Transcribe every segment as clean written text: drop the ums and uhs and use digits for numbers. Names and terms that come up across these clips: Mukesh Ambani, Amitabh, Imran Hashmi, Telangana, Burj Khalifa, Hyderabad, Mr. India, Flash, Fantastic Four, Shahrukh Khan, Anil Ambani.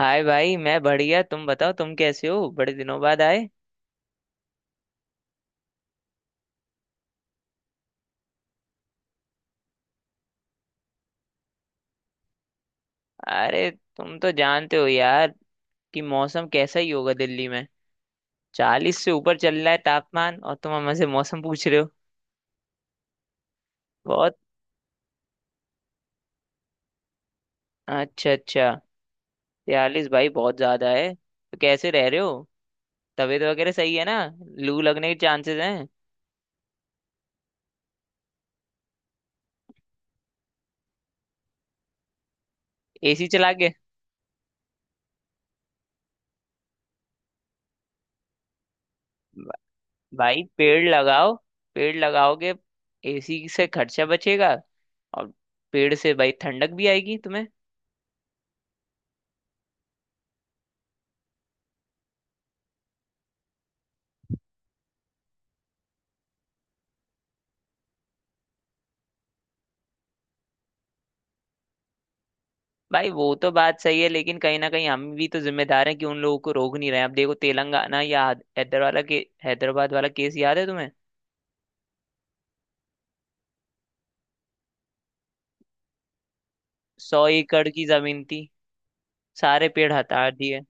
हाय भाई, मैं बढ़िया। तुम बताओ, तुम कैसे हो? बड़े दिनों बाद आए। अरे, तुम तो जानते हो यार कि मौसम कैसा ही होगा दिल्ली में। 40 से ऊपर चल रहा है तापमान, और तुम हमसे मौसम पूछ रहे हो। बहुत। अच्छा अच्छा, 42? भाई बहुत ज्यादा है, तो कैसे रह रहे हो? तबीयत वगैरह सही है ना? लू लगने के चांसेस हैं। एसी चला के? ब- भाई पेड़ लगाओ। पेड़ लगाओगे, एसी से खर्चा बचेगा। और पेड़ से भाई ठंडक भी आएगी तुम्हें। भाई वो तो बात सही है, लेकिन कहीं ना कहीं हम भी तो जिम्मेदार हैं कि उन लोगों को रोक नहीं रहे हैं। अब देखो, तेलंगाना या हैदराबाद वाला के हैदराबाद वाला केस याद है तुम्हें? 100 एकड़ की जमीन थी, सारे पेड़ हटा दिए।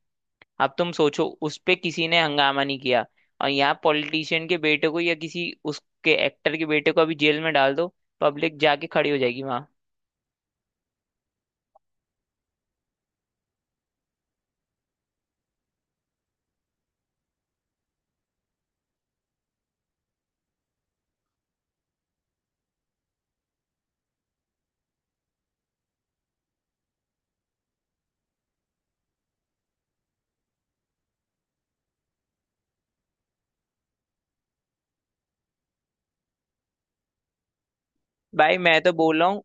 अब तुम सोचो, उस पे किसी ने हंगामा नहीं किया। और यहाँ पॉलिटिशियन के बेटे को या किसी उसके एक्टर के बेटे को अभी जेल में डाल दो, पब्लिक जाके खड़ी हो जाएगी वहां। भाई मैं तो बोल रहा हूँ,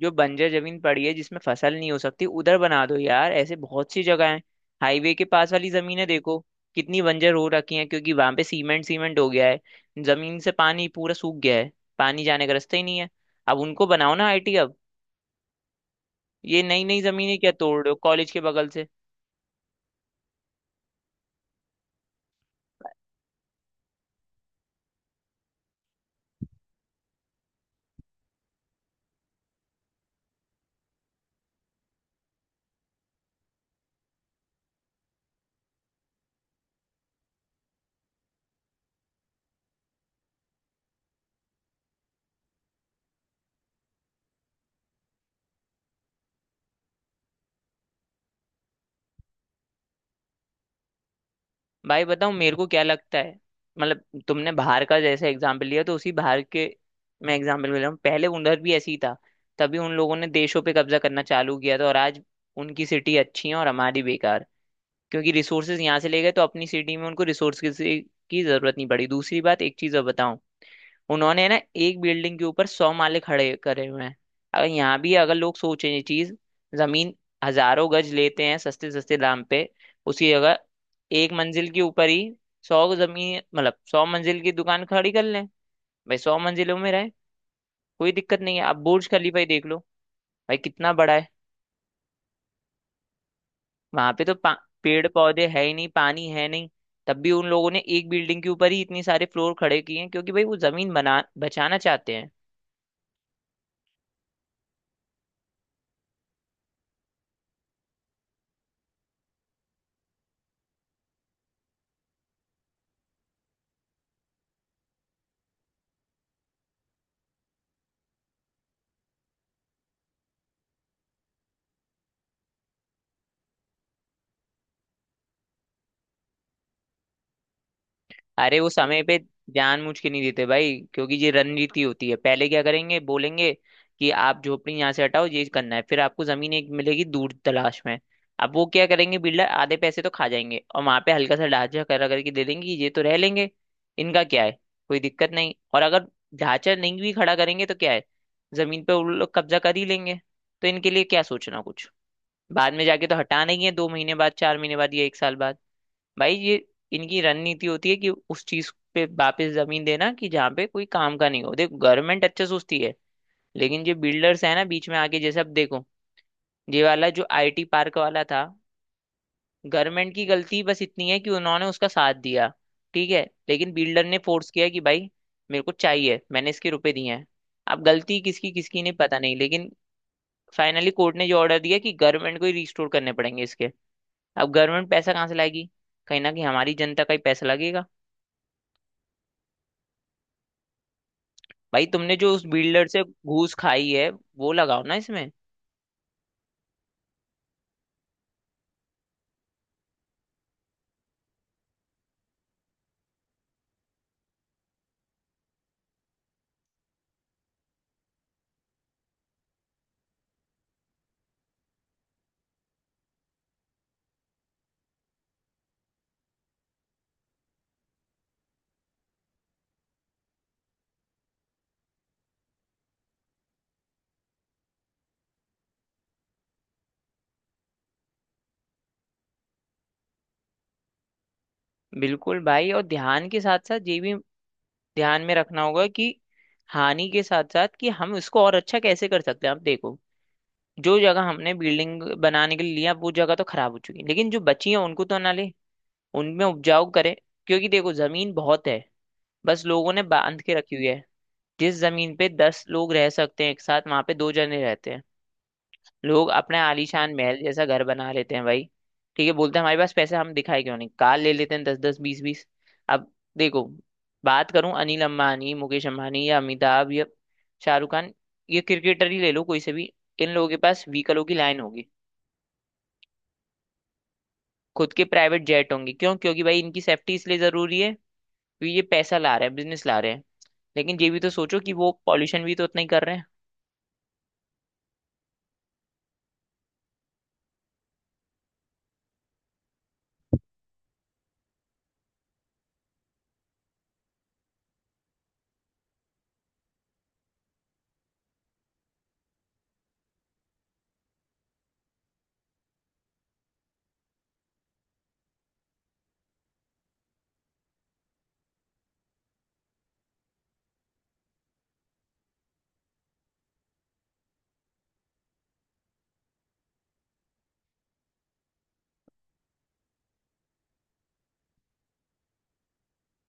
जो बंजर जमीन पड़ी है जिसमें फसल नहीं हो सकती, उधर बना दो यार। ऐसे बहुत सी जगह है। हाईवे के पास वाली जमीनें देखो, कितनी बंजर हो रखी हैं, क्योंकि वहां पे सीमेंट सीमेंट हो गया है। जमीन से पानी पूरा सूख गया है, पानी जाने का रास्ता ही नहीं है। अब उनको बनाओ ना आईटी। अब ये नई नई जमीनें क्या तोड़ रहे हो कॉलेज के बगल से? भाई बताओ मेरे को क्या लगता है। मतलब तुमने बाहर का जैसे एग्जाम्पल लिया, तो उसी बाहर के मैं एग्जाम्पल ले रहा हूँ। पहले उधर भी ऐसी ही था। तभी उन लोगों ने देशों पे कब्जा करना चालू किया था, और आज उनकी सिटी अच्छी है और हमारी बेकार। क्योंकि रिसोर्सेज यहाँ से ले गए, तो अपनी सिटी में उनको रिसोर्स की जरूरत नहीं पड़ी। दूसरी बात, एक चीज़ और बताऊं, उन्होंने ना एक बिल्डिंग के ऊपर 100 माले खड़े करे हुए हैं। अगर यहाँ भी अगर लोग सोचें ये चीज, जमीन हजारों गज लेते हैं सस्ते सस्ते दाम पे, उसी जगह एक मंजिल के ऊपर ही सौ जमीन मतलब 100 मंजिल की दुकान खड़ी कर लें। भाई 100 मंजिलों में रहे, कोई दिक्कत नहीं है। आप बुर्ज खलीफा ही देख लो, भाई कितना बड़ा है। वहां पे तो पेड़ पौधे है ही नहीं, पानी है नहीं। तब भी उन लोगों ने एक बिल्डिंग के ऊपर ही इतनी सारे फ्लोर खड़े किए हैं, क्योंकि भाई वो जमीन बना बचाना चाहते हैं। अरे वो समय पे जानबूझ के नहीं देते भाई, क्योंकि ये रणनीति होती है। पहले क्या करेंगे, बोलेंगे कि आप झोपड़ी यहाँ से हटाओ, ये करना है, फिर आपको जमीन एक मिलेगी दूर तलाश में। अब वो क्या करेंगे, बिल्डर आधे पैसे तो खा जाएंगे और वहां पे हल्का सा ढांचा करा करके दे देंगे कि ये तो रह लेंगे, इनका क्या है, कोई दिक्कत नहीं। और अगर ढांचा नहीं भी खड़ा करेंगे तो क्या है, जमीन पे उन लोग कब्जा कर ही लेंगे। तो इनके लिए क्या सोचना कुछ, बाद में जाके तो हटाना ही है, 2 महीने बाद, 4 महीने बाद, या एक साल बाद। भाई ये इनकी रणनीति होती है कि उस चीज पे वापस जमीन देना कि जहाँ पे कोई काम का नहीं हो। देखो गवर्नमेंट अच्छे सोचती है, लेकिन जो बिल्डर्स है ना बीच में आके, जैसे अब देखो, ये वाला जो आईटी पार्क वाला था, गवर्नमेंट की गलती बस इतनी है कि उन्होंने उसका साथ दिया, ठीक है। लेकिन बिल्डर ने फोर्स किया कि भाई मेरे को चाहिए, मैंने इसके रुपए दिए हैं। अब गलती किसकी किसकी नहीं पता नहीं, लेकिन फाइनली कोर्ट ने जो ऑर्डर दिया कि गवर्नमेंट को ही रिस्टोर करने पड़ेंगे इसके। अब गवर्नमेंट पैसा कहाँ से लाएगी, कहीं ना कहीं हमारी जनता का ही पैसा लगेगा। भाई तुमने जो उस बिल्डर से घूस खाई है, वो लगाओ ना इसमें। बिल्कुल भाई, और ध्यान के साथ साथ ये भी ध्यान में रखना होगा कि हानि के साथ साथ कि हम इसको और अच्छा कैसे कर सकते हैं। आप देखो, जो जगह हमने बिल्डिंग बनाने के लिए लिया वो जगह तो खराब हो चुकी है, लेकिन जो बची है उनको तो ना ले, उनमें उपजाऊ करें। क्योंकि देखो जमीन बहुत है, बस लोगों ने बांध के रखी हुई है। जिस जमीन पे 10 लोग रह सकते हैं एक साथ, वहां पे दो जने रहते हैं। लोग अपने आलीशान महल जैसा घर बना लेते हैं भाई। ठीक है, बोलते हैं हमारे पास पैसे, हम दिखाए क्यों नहीं, कार ले लेते हैं दस दस बीस बीस। अब देखो, बात करूं अनिल अंबानी, मुकेश अंबानी या अमिताभ या शाहरुख खान, ये क्रिकेटर ही ले लो कोई से भी, इन लोगों के पास व्हीकलों की लाइन होगी। खुद के प्राइवेट जेट होंगे, क्यों? क्योंकि भाई इनकी सेफ्टी इसलिए जरूरी है, क्योंकि ये पैसा ला रहे हैं, बिजनेस ला रहे हैं। लेकिन ये भी तो सोचो कि वो पॉल्यूशन भी तो उतना ही कर रहे हैं।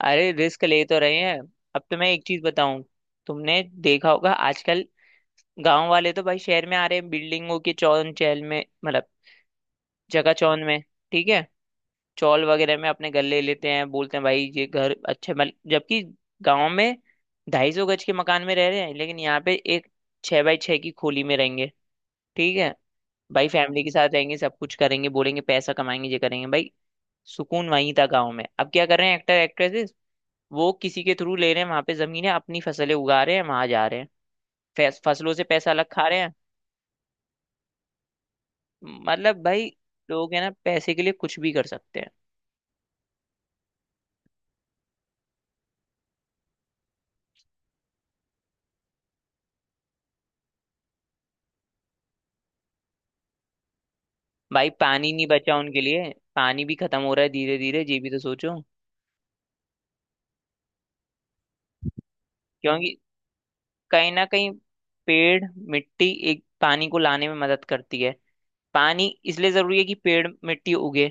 अरे रिस्क ले तो रहे हैं। अब तो मैं एक चीज बताऊं, तुमने देखा होगा आजकल गांव वाले तो भाई शहर में आ रहे हैं बिल्डिंगों के चौन चहल में, मतलब जगह चौन में, ठीक है, चौल वगैरह में अपने गले लेते हैं, बोलते हैं भाई ये घर अच्छे बन, जबकि गांव में 250 गज के मकान में रह रहे हैं, लेकिन यहाँ पे एक 6x6 की खोली में रहेंगे, ठीक है, भाई फैमिली के साथ रहेंगे, सब कुछ करेंगे, बोलेंगे पैसा कमाएंगे, ये करेंगे। भाई सुकून वहीं था गांव में। अब क्या कर रहे हैं एक्टर एक्ट्रेसेस, वो किसी के थ्रू ले रहे हैं, वहां पे जमीन है, अपनी फसलें उगा रहे हैं, वहां जा रहे हैं, फसलों से पैसा अलग खा रहे हैं। मतलब भाई, लोग है ना पैसे के लिए कुछ भी कर सकते हैं। भाई पानी नहीं बचा उनके लिए, पानी भी खत्म हो रहा है धीरे धीरे, ये भी तो सोचो। क्योंकि कहीं ना कहीं पेड़ मिट्टी एक पानी को लाने में मदद करती है। पानी इसलिए जरूरी है कि पेड़ मिट्टी उगे,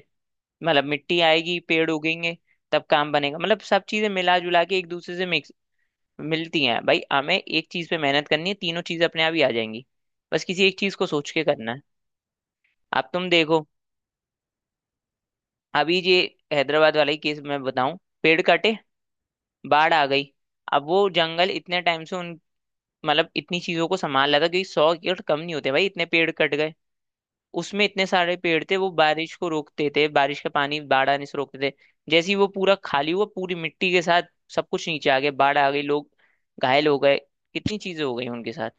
मतलब मिट्टी आएगी पेड़ उगेंगे, तब काम बनेगा। मतलब सब चीजें मिला जुला के एक दूसरे से मिक्स मिलती हैं भाई। हमें एक चीज पे मेहनत करनी है, तीनों चीजें अपने आप ही आ जाएंगी, बस किसी एक चीज को सोच के करना है। अब तुम देखो, अभी ये हैदराबाद वाला ही केस मैं बताऊं, पेड़ कटे, बाढ़ आ गई। अब वो जंगल इतने टाइम से उन मतलब इतनी चीजों को संभाल रहा था, क्योंकि 100 एकड़ कम नहीं होते भाई, इतने पेड़ कट गए। उसमें इतने सारे पेड़ थे, वो बारिश को रोकते थे, बारिश का पानी बाढ़ आने से रोकते थे। जैसे ही वो पूरा खाली हुआ, पूरी मिट्टी के साथ सब कुछ नीचे आ गया, बाढ़ आ गई, लोग घायल हो गए, कितनी चीजें हो गई उनके साथ।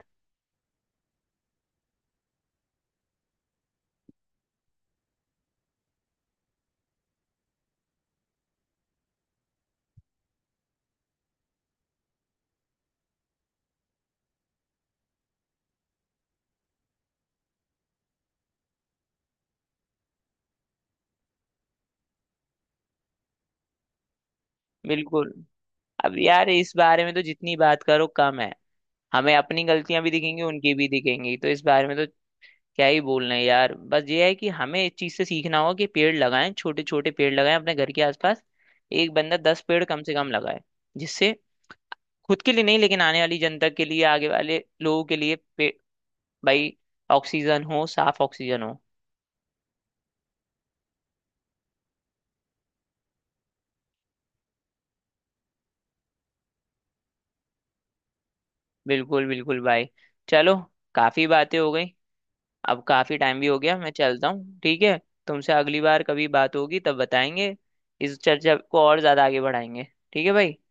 बिल्कुल। अब यार इस बारे में तो जितनी बात करो कम है, हमें अपनी गलतियां भी दिखेंगी, उनकी भी दिखेंगी, तो इस बारे में तो क्या ही बोलना है यार। बस ये है कि हमें इस चीज से सीखना होगा कि पेड़ लगाएं, छोटे छोटे पेड़ लगाएं अपने घर के आसपास, एक बंदा 10 पेड़ कम से कम लगाए, जिससे खुद के लिए नहीं, लेकिन आने वाली जनता के लिए, आगे वाले लोगों के लिए, भाई ऑक्सीजन हो, साफ ऑक्सीजन हो। बिल्कुल बिल्कुल भाई। चलो, काफी बातें हो गई, अब काफी टाइम भी हो गया, मैं चलता हूँ ठीक है। तुमसे अगली बार कभी बात होगी तब बताएंगे, इस चर्चा को और ज्यादा आगे बढ़ाएंगे। ठीक है भाई।